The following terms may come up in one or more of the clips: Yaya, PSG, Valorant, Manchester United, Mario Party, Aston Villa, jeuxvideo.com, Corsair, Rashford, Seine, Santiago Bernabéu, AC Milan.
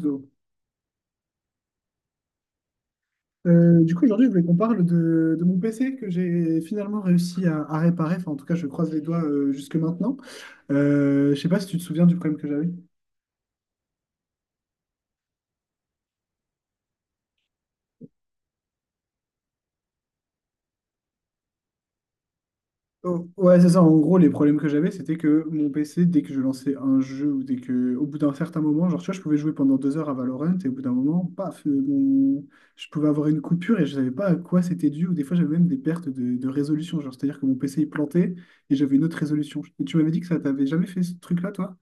Go. Du coup, aujourd'hui, je voulais qu'on parle de mon PC que j'ai finalement réussi à réparer. Enfin, en tout cas, je croise les doigts jusque maintenant. Je sais pas si tu te souviens du problème que j'avais. Oh, ouais, c'est ça. En gros, les problèmes que j'avais, c'était que mon PC, dès que je lançais un jeu ou dès que, au bout d'un certain moment, genre, tu vois, je pouvais jouer pendant 2 heures à Valorant et au bout d'un moment, paf, je pouvais avoir une coupure et je savais pas à quoi c'était dû. Ou des fois, j'avais même des pertes de résolution. Genre, c'est-à-dire que mon PC, il plantait et j'avais une autre résolution. Et tu m'avais dit que ça t'avait jamais fait ce truc-là, toi?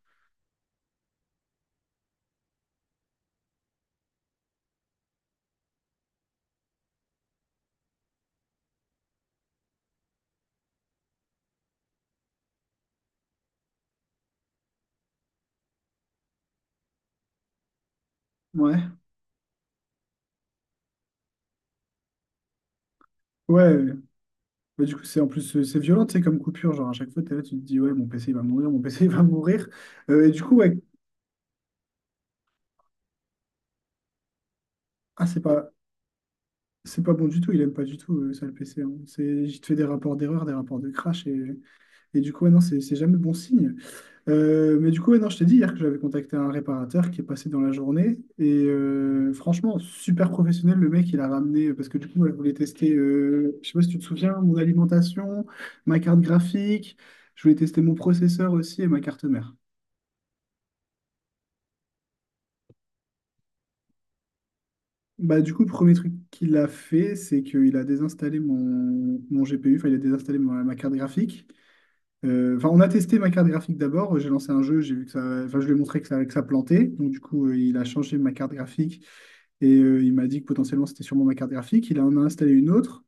Ouais. Ouais, bah, du coup, c'est en plus, c'est violent, tu sais, comme coupure. Genre, à chaque fois, t'es là, tu te dis, ouais, mon PC, il va mourir, mon PC, il va mourir. Et du coup, ouais, ah, c'est pas bon du tout, il aime pas du tout, ça, le PC, hein. C'est, il te fait des rapports d'erreur, des rapports de crash, et du coup, ouais, non, c'est jamais bon signe. Mais du coup, ouais, non, je t'ai dit hier que j'avais contacté un réparateur qui est passé dans la journée. Et franchement, super professionnel, le mec, il a ramené, parce que du coup, elle voulait tester, je sais pas si tu te souviens, mon alimentation, ma carte graphique, je voulais tester mon processeur aussi et ma carte mère. Bah, du coup, le premier truc qu'il a fait, c'est qu'il a désinstallé mon GPU, enfin, il a désinstallé ma carte graphique. Enfin, on a testé ma carte graphique d'abord. J'ai lancé un jeu, j'ai vu que ça, enfin, je lui ai montré que ça plantait. Donc, du coup, il a changé ma carte graphique et il m'a dit que potentiellement c'était sûrement ma carte graphique. Il en a installé une autre.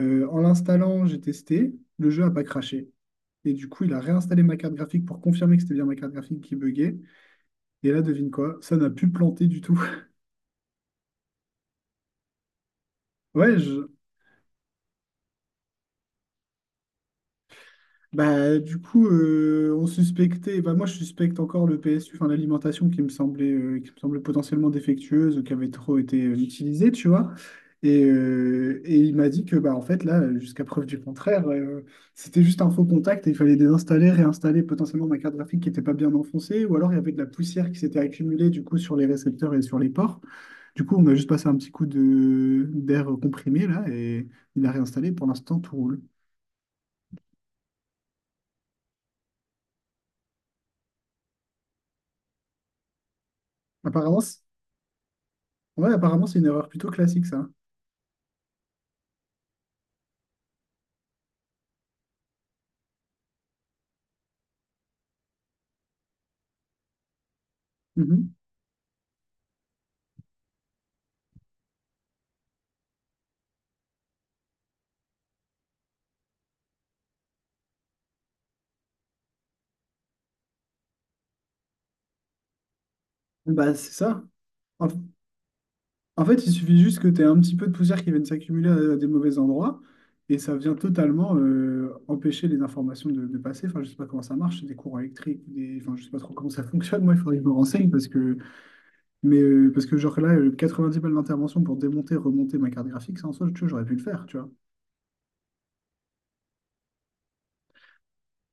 En l'installant, j'ai testé. Le jeu n'a pas craché. Et du coup, il a réinstallé ma carte graphique pour confirmer que c'était bien ma carte graphique qui buguait. Et là, devine quoi? Ça n'a plus planté du tout. Ouais. Bah, du coup, on suspectait, bah, moi je suspecte encore le PSU, enfin l'alimentation qui me semblait, qui me semble potentiellement défectueuse, ou qui avait trop été utilisée, tu vois. Et il m'a dit que, bah, en fait, là, jusqu'à preuve du contraire, c'était juste un faux contact et il fallait désinstaller, réinstaller potentiellement ma carte graphique qui n'était pas bien enfoncée, ou alors il y avait de la poussière qui s'était accumulée du coup sur les récepteurs et sur les ports. Du coup, on a juste passé un petit coup de d'air comprimé là et il a réinstallé. Pour l'instant, tout roule. Apparemment, Ouais, apparemment, c'est une erreur plutôt classique, ça. Mhm. Bah, c'est ça. En, en fait, il suffit juste que tu aies un petit peu de poussière qui vienne s'accumuler à des mauvais endroits et ça vient totalement empêcher les informations de passer. Enfin, je sais pas comment ça marche, c'est des courants électriques. Enfin, je sais pas trop comment ça fonctionne. Moi, il faudrait que je me renseigne parce que genre là, 90 balles d'intervention pour démonter, remonter ma carte graphique, ça en soi, tu vois, j'aurais pu le faire, tu vois.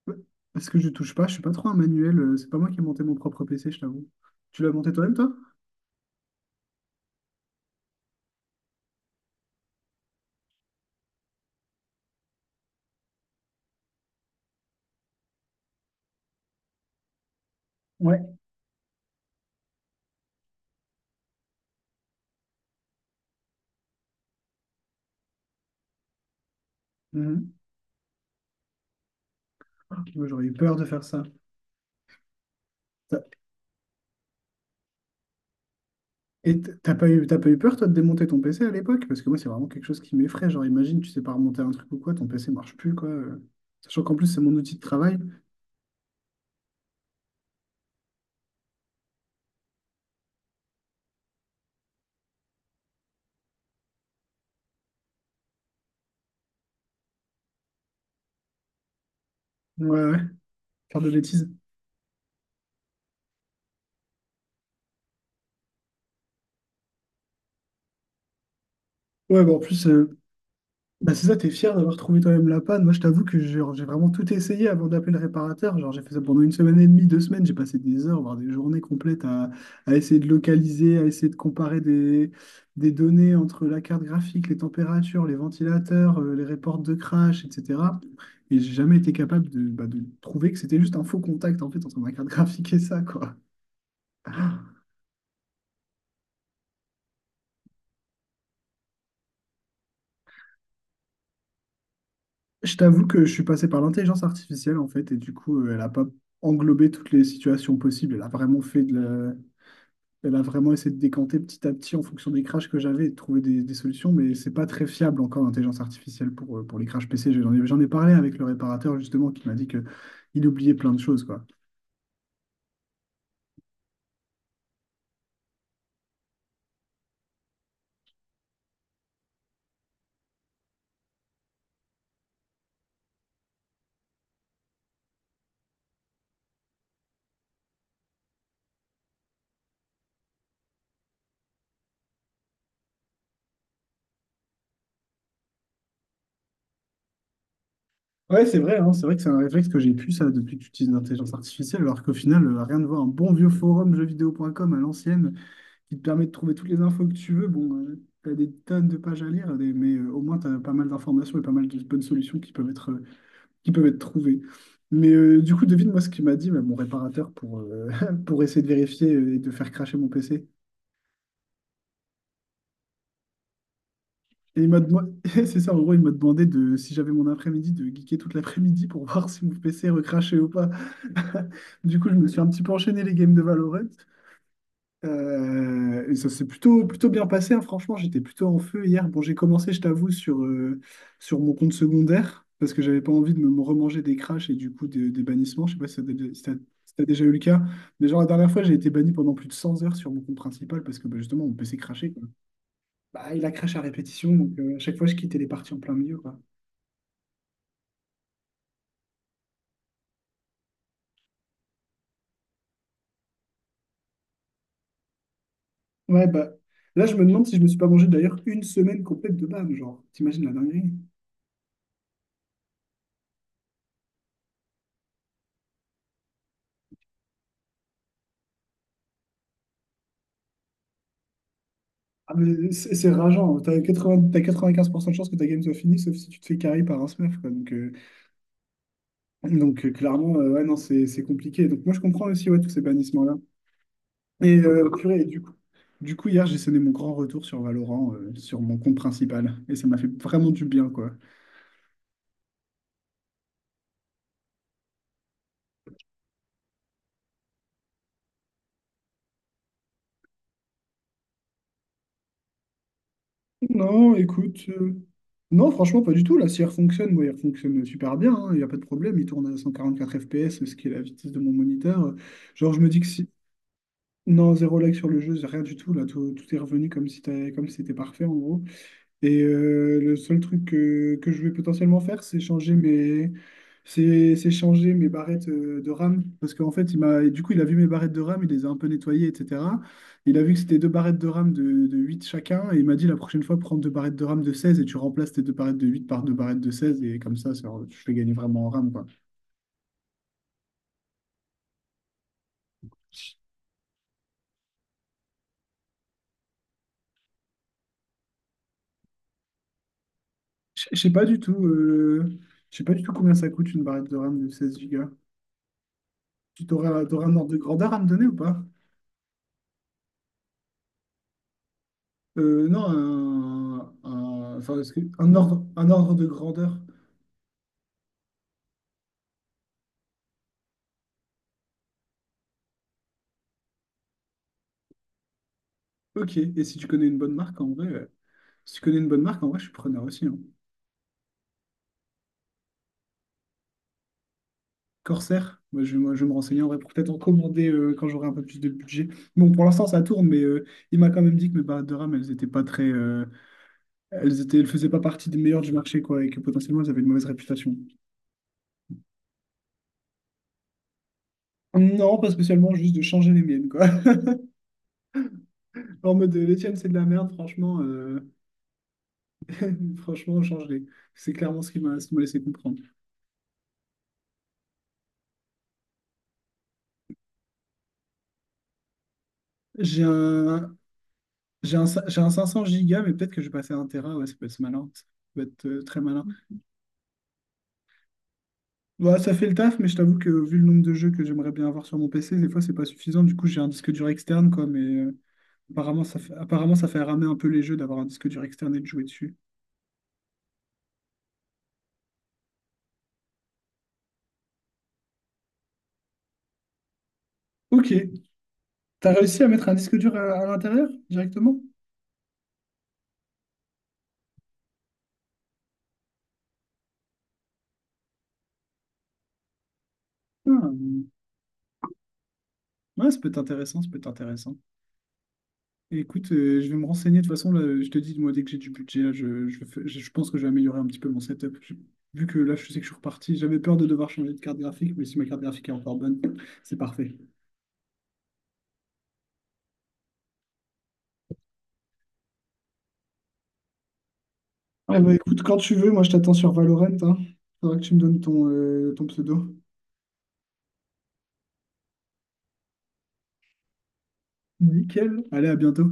Ouais. Parce que je touche pas, je suis pas trop un manuel, c'est pas moi qui ai monté mon propre PC, je t'avoue. Tu l'as monté toi-même, toi? Ouais. Moi, j'aurais eu peur de faire ça. T'as- Et t'as pas eu peur, toi, de démonter ton PC à l'époque? Parce que moi, c'est vraiment quelque chose qui m'effraie. Genre, imagine, tu sais pas remonter un truc ou quoi, ton PC marche plus, quoi. Sachant qu'en plus, c'est mon outil de travail. Ouais, ouais, faire de bêtises. Ouais, bah en plus. Bah c'est ça, t'es fier d'avoir trouvé toi-même la panne. Moi, je t'avoue que genre, j'ai vraiment tout essayé avant d'appeler le réparateur. Genre, j'ai fait ça pendant une semaine et demie, 2 semaines. J'ai passé des heures, voire des journées complètes à essayer de localiser, à essayer de comparer des données entre la carte graphique, les températures, les ventilateurs, les reports de crash, etc. Et j'ai jamais été capable de, bah, de trouver que c'était juste un faux contact en fait entre ma carte graphique et ça, quoi. Je t'avoue que je suis passé par l'intelligence artificielle en fait, et du coup, elle n'a pas englobé toutes les situations possibles. Elle a vraiment fait. Elle a vraiment essayé de décanter petit à petit en fonction des crashs que j'avais et de trouver des solutions, mais c'est pas très fiable encore l'intelligence artificielle pour les crashs PC. J'en ai parlé avec le réparateur justement qui m'a dit que il oubliait plein de choses, quoi. Ouais, c'est vrai, hein, c'est vrai que c'est un réflexe que j'ai pu ça depuis que j'utilise l'intelligence artificielle, alors qu'au final, rien de voir un bon vieux forum jeuxvideo.com à l'ancienne qui te permet de trouver toutes les infos que tu veux. Bon, tu as des tonnes de pages à lire, mais au moins tu as pas mal d'informations et pas mal de bonnes solutions qui peuvent être trouvés. Mais du coup, devine-moi ce qu'il m'a dit, mais mon réparateur, pour essayer de vérifier et de faire cracher mon PC. Et il m'a demandé, c'est ça, en gros, il m'a demandé de, si j'avais mon après-midi, de geeker toute l'après-midi pour voir si mon PC recrachait ou pas. Du coup, je me suis un petit peu enchaîné les games de Valorant. Et ça s'est plutôt, plutôt bien passé, hein. Franchement, j'étais plutôt en feu hier. Bon, j'ai commencé, je t'avoue, sur mon compte secondaire parce que j'avais pas envie de me remanger des crashs et du coup des bannissements. Je sais pas si t'as dé- si t'as- si t'as déjà eu le cas, mais genre la dernière fois, j'ai été banni pendant plus de 100 heures sur mon compte principal parce que bah, justement, mon PC crashait, quoi. Bah, il a crash à répétition, donc à chaque fois, je quittais les parties en plein milieu, quoi. Ouais, bah là, je me demande si je me suis pas mangé d'ailleurs une semaine complète de ban, genre, t'imagines la dinguerie? Ah, mais c'est rageant. T'as 80, t'as 95% de chances que ta game soit finie, sauf si tu te fais carry par un smurf, quoi. Donc, clairement, ouais, non, c'est compliqué. Donc, moi, je comprends aussi ouais, tous ces bannissements-là. Purée, et du coup, hier, j'ai sonné mon grand retour sur Valorant, sur mon compte principal. Et ça m'a fait vraiment du bien, quoi. Non, écoute. Non, franchement, pas du tout. La CR fonctionne, moi, elle fonctionne super bien, hein. Il n'y a pas de problème. Il tourne à 144 FPS, ce qui est la vitesse de mon moniteur. Genre, je me dis que si. Non, zéro like sur le jeu, rien du tout. Là, tout est revenu comme si c'était parfait, en gros. Le seul truc que je vais potentiellement faire, c'est changer mes barrettes de RAM. Parce qu'en fait, il m'a, du coup, il a vu mes barrettes de RAM, il les a un peu nettoyées, etc. Il a vu que c'était deux barrettes de RAM de 8 chacun. Et il m'a dit la prochaine fois, prends deux barrettes de RAM de 16 et tu remplaces tes deux barrettes de 8 par deux barrettes de seize. Et comme ça, je fais gagner vraiment en RAM, quoi. Je sais pas du tout. Je sais pas du tout combien ça coûte une barrette de RAM de 16 Go. Tu t'auras un ordre de grandeur à me donner ou pas? Non, enfin, un ordre de grandeur. Ok, et si tu connais une bonne marque, en vrai, si tu connais une bonne marque, en vrai, je suis preneur aussi, hein. Corsair, moi, je vais me renseigner en vrai pour peut-être en commander quand j'aurai un peu plus de budget. Bon, pour l'instant, ça tourne, mais il m'a quand même dit que mes barrettes de RAM, elles étaient pas très, elles faisaient pas partie des meilleures du marché, quoi, et que potentiellement, elles avaient une mauvaise réputation. Non, pas spécialement, juste de changer les miennes, quoi. En mode, les tiennes, c'est de la merde, franchement. Franchement, changer. C'est clairement ce qui m'a laissé comprendre. J'ai un, j'ai un 500 gigas, mais peut-être que je vais passer à 1 Tera. Ouais, ça peut être malin. Ça peut être très malin. Ouais, ça fait le taf, mais je t'avoue que vu le nombre de jeux que j'aimerais bien avoir sur mon PC, des fois, c'est pas suffisant. Du coup, j'ai un disque dur externe, quoi. Mais euh, apparemment, ça fait ramer un peu les jeux d'avoir un disque dur externe et de jouer dessus. Ok. T'as réussi à mettre un disque dur à l'intérieur directement? Ah, ouais, ça peut être intéressant. Ça peut être intéressant. Écoute, je vais me renseigner. De toute façon, là, je te dis, moi, dès que j'ai du budget, là, je pense que je vais améliorer un petit peu mon setup. Vu que là, je sais que je suis reparti, j'avais peur de devoir changer de carte graphique, mais si ma carte graphique est encore bonne, c'est parfait. Ah bah écoute, quand tu veux, moi je t'attends sur Valorant, hein. Faudra que tu me donnes ton pseudo. Nickel. Allez, à bientôt.